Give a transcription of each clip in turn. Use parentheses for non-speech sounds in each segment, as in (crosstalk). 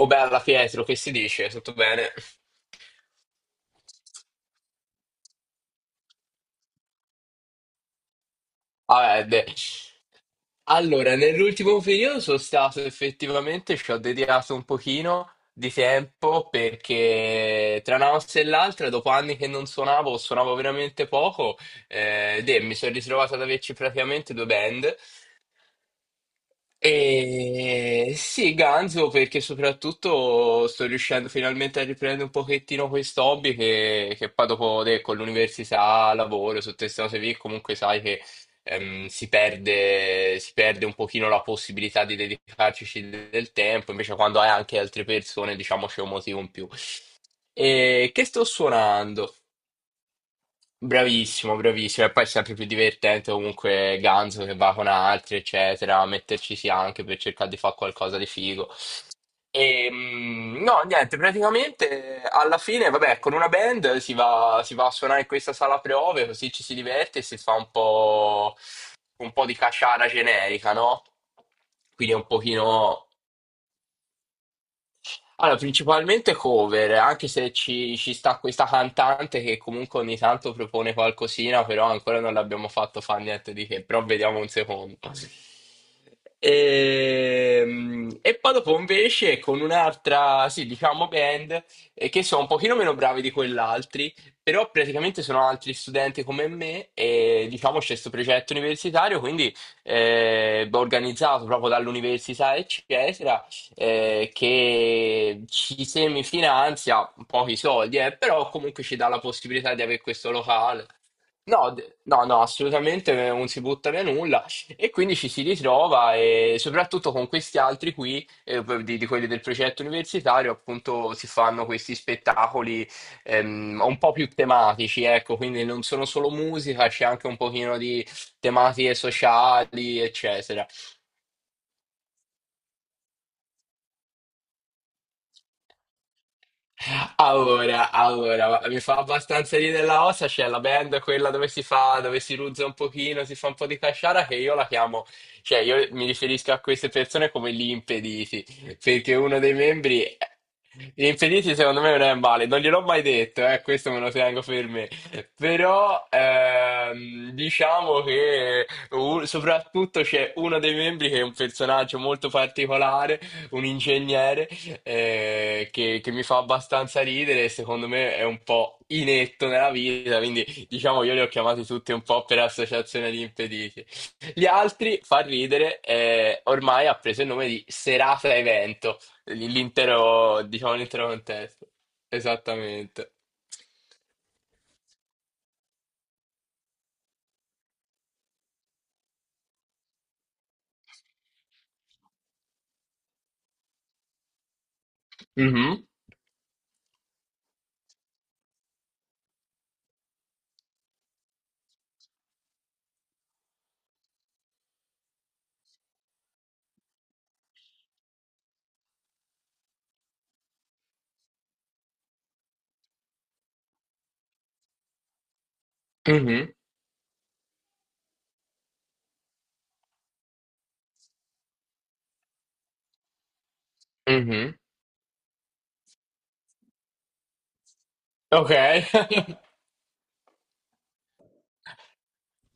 Oh bella Pietro, che si dice? Tutto bene? Vabbè, allora, nell'ultimo periodo sono stato effettivamente, ci ho dedicato un pochino di tempo perché tra una mossa e l'altra, dopo anni che non suonavo, suonavo veramente poco, mi sono ritrovato ad averci praticamente due band. E sì, Ganzo, perché soprattutto sto riuscendo finalmente a riprendere un pochettino questo hobby che poi dopo con l'università, lavoro, su queste cose lì, comunque sai che si perde un pochino la possibilità di dedicarci del tempo, invece quando hai anche altre persone, diciamo, c'è un motivo in più. E che sto suonando? Bravissimo, bravissimo. E poi è sempre più divertente comunque Ganzo che va con altri, eccetera, metterci sì anche per cercare di fare qualcosa di figo. No, niente, praticamente alla fine, vabbè, con una band si va a suonare in questa sala prove, così ci si diverte e si fa un po' di caciara generica, no? Quindi è un pochino. Allora, principalmente cover, anche se ci sta questa cantante che comunque ogni tanto propone qualcosina, però ancora non l'abbiamo fatto fare niente di che, però vediamo un secondo. E poi dopo invece con un'altra, sì, diciamo band, che sono un pochino meno bravi di quell'altri, però praticamente sono altri studenti come me e diciamo c'è questo progetto universitario, quindi organizzato proprio dall'università, eccetera, che ci semifinanzia pochi soldi, però comunque ci dà la possibilità di avere questo locale. No, no, no, assolutamente non si butta via nulla, e quindi ci si ritrova e soprattutto con questi altri qui, di quelli del progetto universitario, appunto si fanno questi spettacoli un po' più tematici, ecco, quindi non sono solo musica, c'è anche un pochino di tematiche sociali, eccetera. Allora, allora, mi fa abbastanza ridere la ossa, c'è la band quella dove si fa, dove si ruzza un pochino, si fa un po' di casciara, che io la chiamo, cioè io mi riferisco a queste persone come gli impediti, perché uno dei membri, gli impediti secondo me non è male, non gliel'ho mai detto, questo me lo tengo per me, però diciamo che soprattutto c'è uno dei membri che è un personaggio molto particolare, un ingegnere che mi fa abbastanza ridere e secondo me è un po' inetto nella vita, quindi diciamo io li ho chiamati tutti un po' per associazione di impediti. Gli altri, fa ridere, ormai ha preso il nome di serata evento, l'intero, diciamo, l'intero contesto. Esattamente. Mhm, mhm, mhm. Ok. (laughs)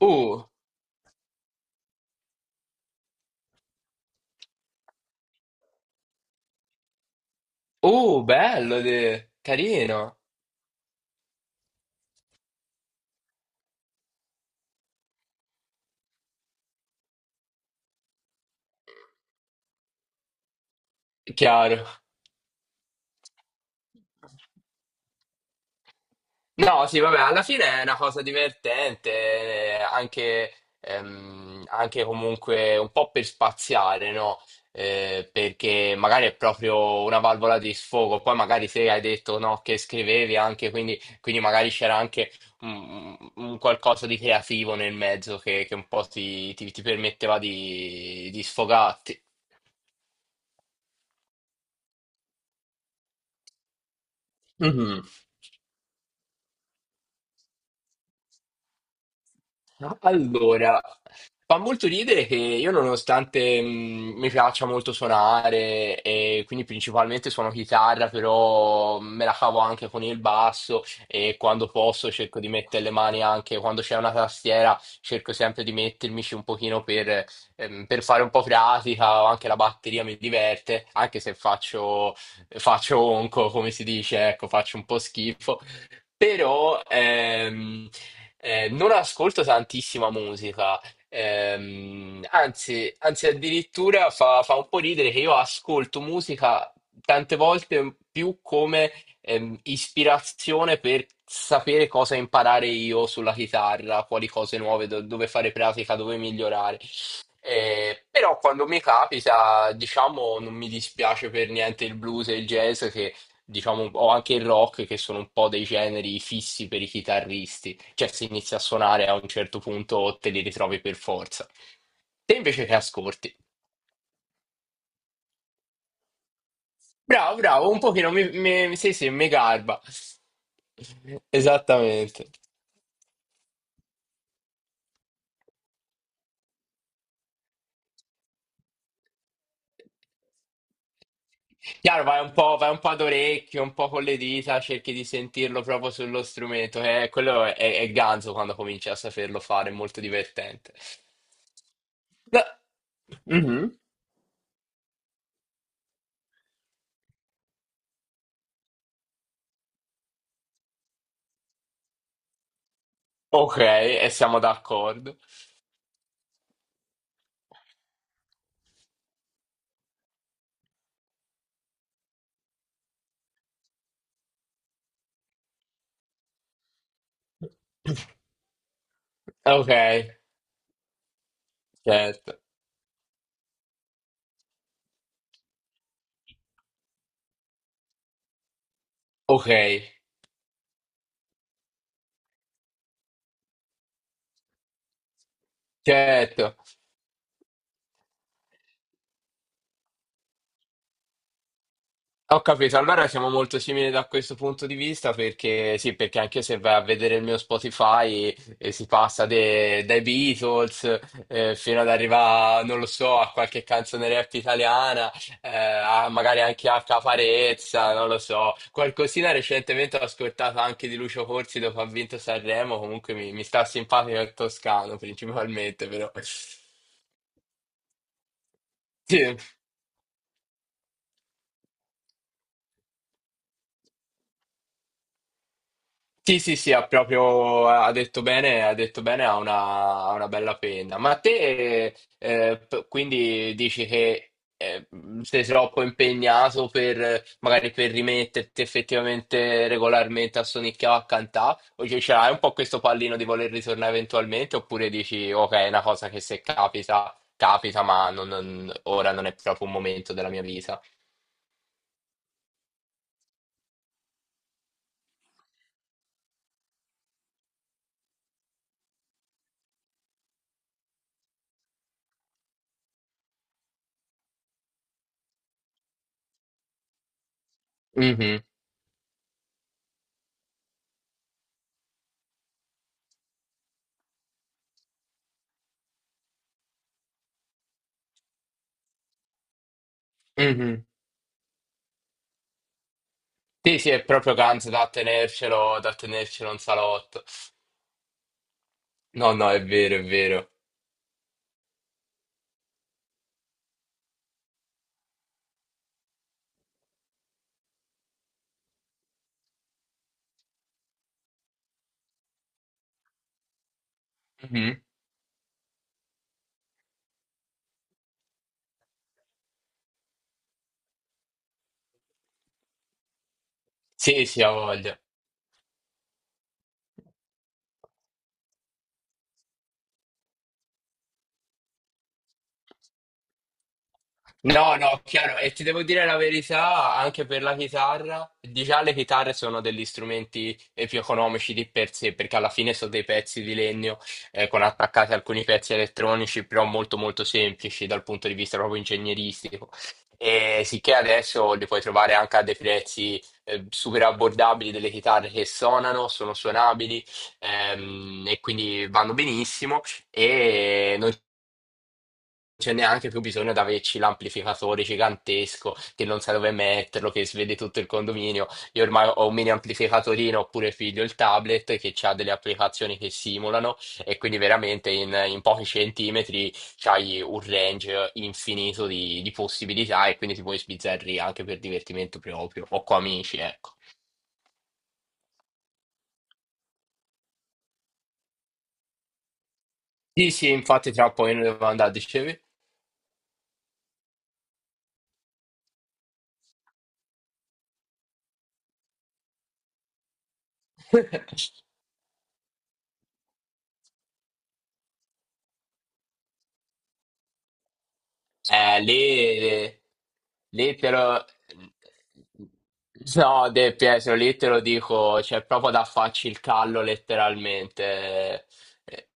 Uh, bello, carino. Chiaro. No, sì, vabbè, alla fine è una cosa divertente, eh, anche, anche comunque un po' per spaziare, no? Perché magari è proprio una valvola di sfogo, poi magari se hai detto no, che scrivevi anche, quindi magari c'era anche un qualcosa di creativo nel mezzo che un po' ti permetteva di sfogarti. Mhm. Allora, fa molto ridere che io nonostante mi piaccia molto suonare e quindi principalmente suono chitarra, però me la cavo anche con il basso, e quando posso cerco di mettere le mani anche quando c'è una tastiera, cerco sempre di mettermici un pochino per fare un po' pratica, o anche la batteria mi diverte, anche se faccio onco, come si dice, ecco, faccio un po' schifo, però non ascolto tantissima musica, anzi, anzi addirittura fa un po' ridere che io ascolto musica tante volte più come ispirazione per sapere cosa imparare io sulla chitarra, quali cose nuove, dove fare pratica, dove migliorare. Però quando mi capita, diciamo, non mi dispiace per niente il blues e il jazz, che diciamo, o anche il rock, che sono un po' dei generi fissi per i chitarristi, cioè se inizi a suonare a un certo punto te li ritrovi per forza. Te invece che ascolti? Bravo, bravo, un pochino sì, sì, mi garba. Esattamente. Chiaro, vai un po' ad orecchio, un po' con le dita, cerchi di sentirlo proprio sullo strumento, quello è ganzo quando cominci a saperlo fare, è molto divertente. No. Mhm. Ok, e siamo d'accordo. Ok, certo. Ok, certo. Ho capito, allora siamo molto simili da questo punto di vista perché sì, perché anche se vai a vedere il mio Spotify si passa dai Beatles, fino ad arrivare, non lo so, a qualche canzone rap italiana, a magari anche a Caparezza, non lo so. Qualcosina recentemente ho ascoltato anche di Lucio Corsi dopo ha vinto Sanremo, comunque mi sta simpatico il toscano principalmente, però. (laughs) Sì. Sì, sì, sì, ha proprio, ha detto bene, ha detto bene, ha una bella penna. Ma te, quindi dici che sei troppo impegnato per, magari per rimetterti effettivamente regolarmente a sonicchiare a cantare, o cioè, ce l'hai un po' questo pallino di voler ritornare eventualmente, oppure dici, ok, è una cosa che se capita, capita, ma ora non è proprio un momento della mia vita. Mhm, mhm. Sì, sì, è proprio Kanz da tenercelo in salotto. No, no, è vero, è vero. Mhm. Sì, sì, ha voglia. No, no, chiaro, e ti devo dire la verità, anche per la chitarra, di già le chitarre sono degli strumenti più economici di per sé, perché alla fine sono dei pezzi di legno con attaccati alcuni pezzi elettronici, però molto molto semplici dal punto di vista proprio ingegneristico. E sicché adesso li puoi trovare anche a dei prezzi super abbordabili, delle chitarre che suonano, sono suonabili, e quindi vanno benissimo. E noi c'è neanche più bisogno di averci l'amplificatore gigantesco che non sa dove metterlo, che svede tutto il condominio. Io ormai ho un mini amplificatorino oppure figlio il tablet che ha delle applicazioni che simulano, e quindi veramente in pochi centimetri c'hai un range infinito di possibilità e quindi ti puoi sbizzarrire anche per divertimento proprio o con amici, ecco. Sì, sì, infatti tra un po' io ne devo andare, dicevi? (laughs) Eh, lì, lì te lo... No, De Pietro, lì te lo dico, c'è proprio da farci il callo letteralmente. Eh,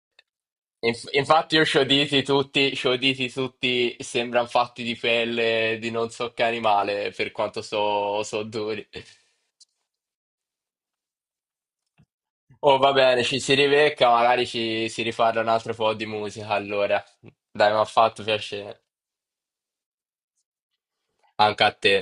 infatti io ci ho diti tutti, ci ho diti tutti, sembrano fatti di pelle di non so che animale, per quanto so duri. Oh, va bene, ci si ribecca, magari ci si rifarà un altro po' di musica, allora. Dai, mi ha fatto piacere. Anche a te.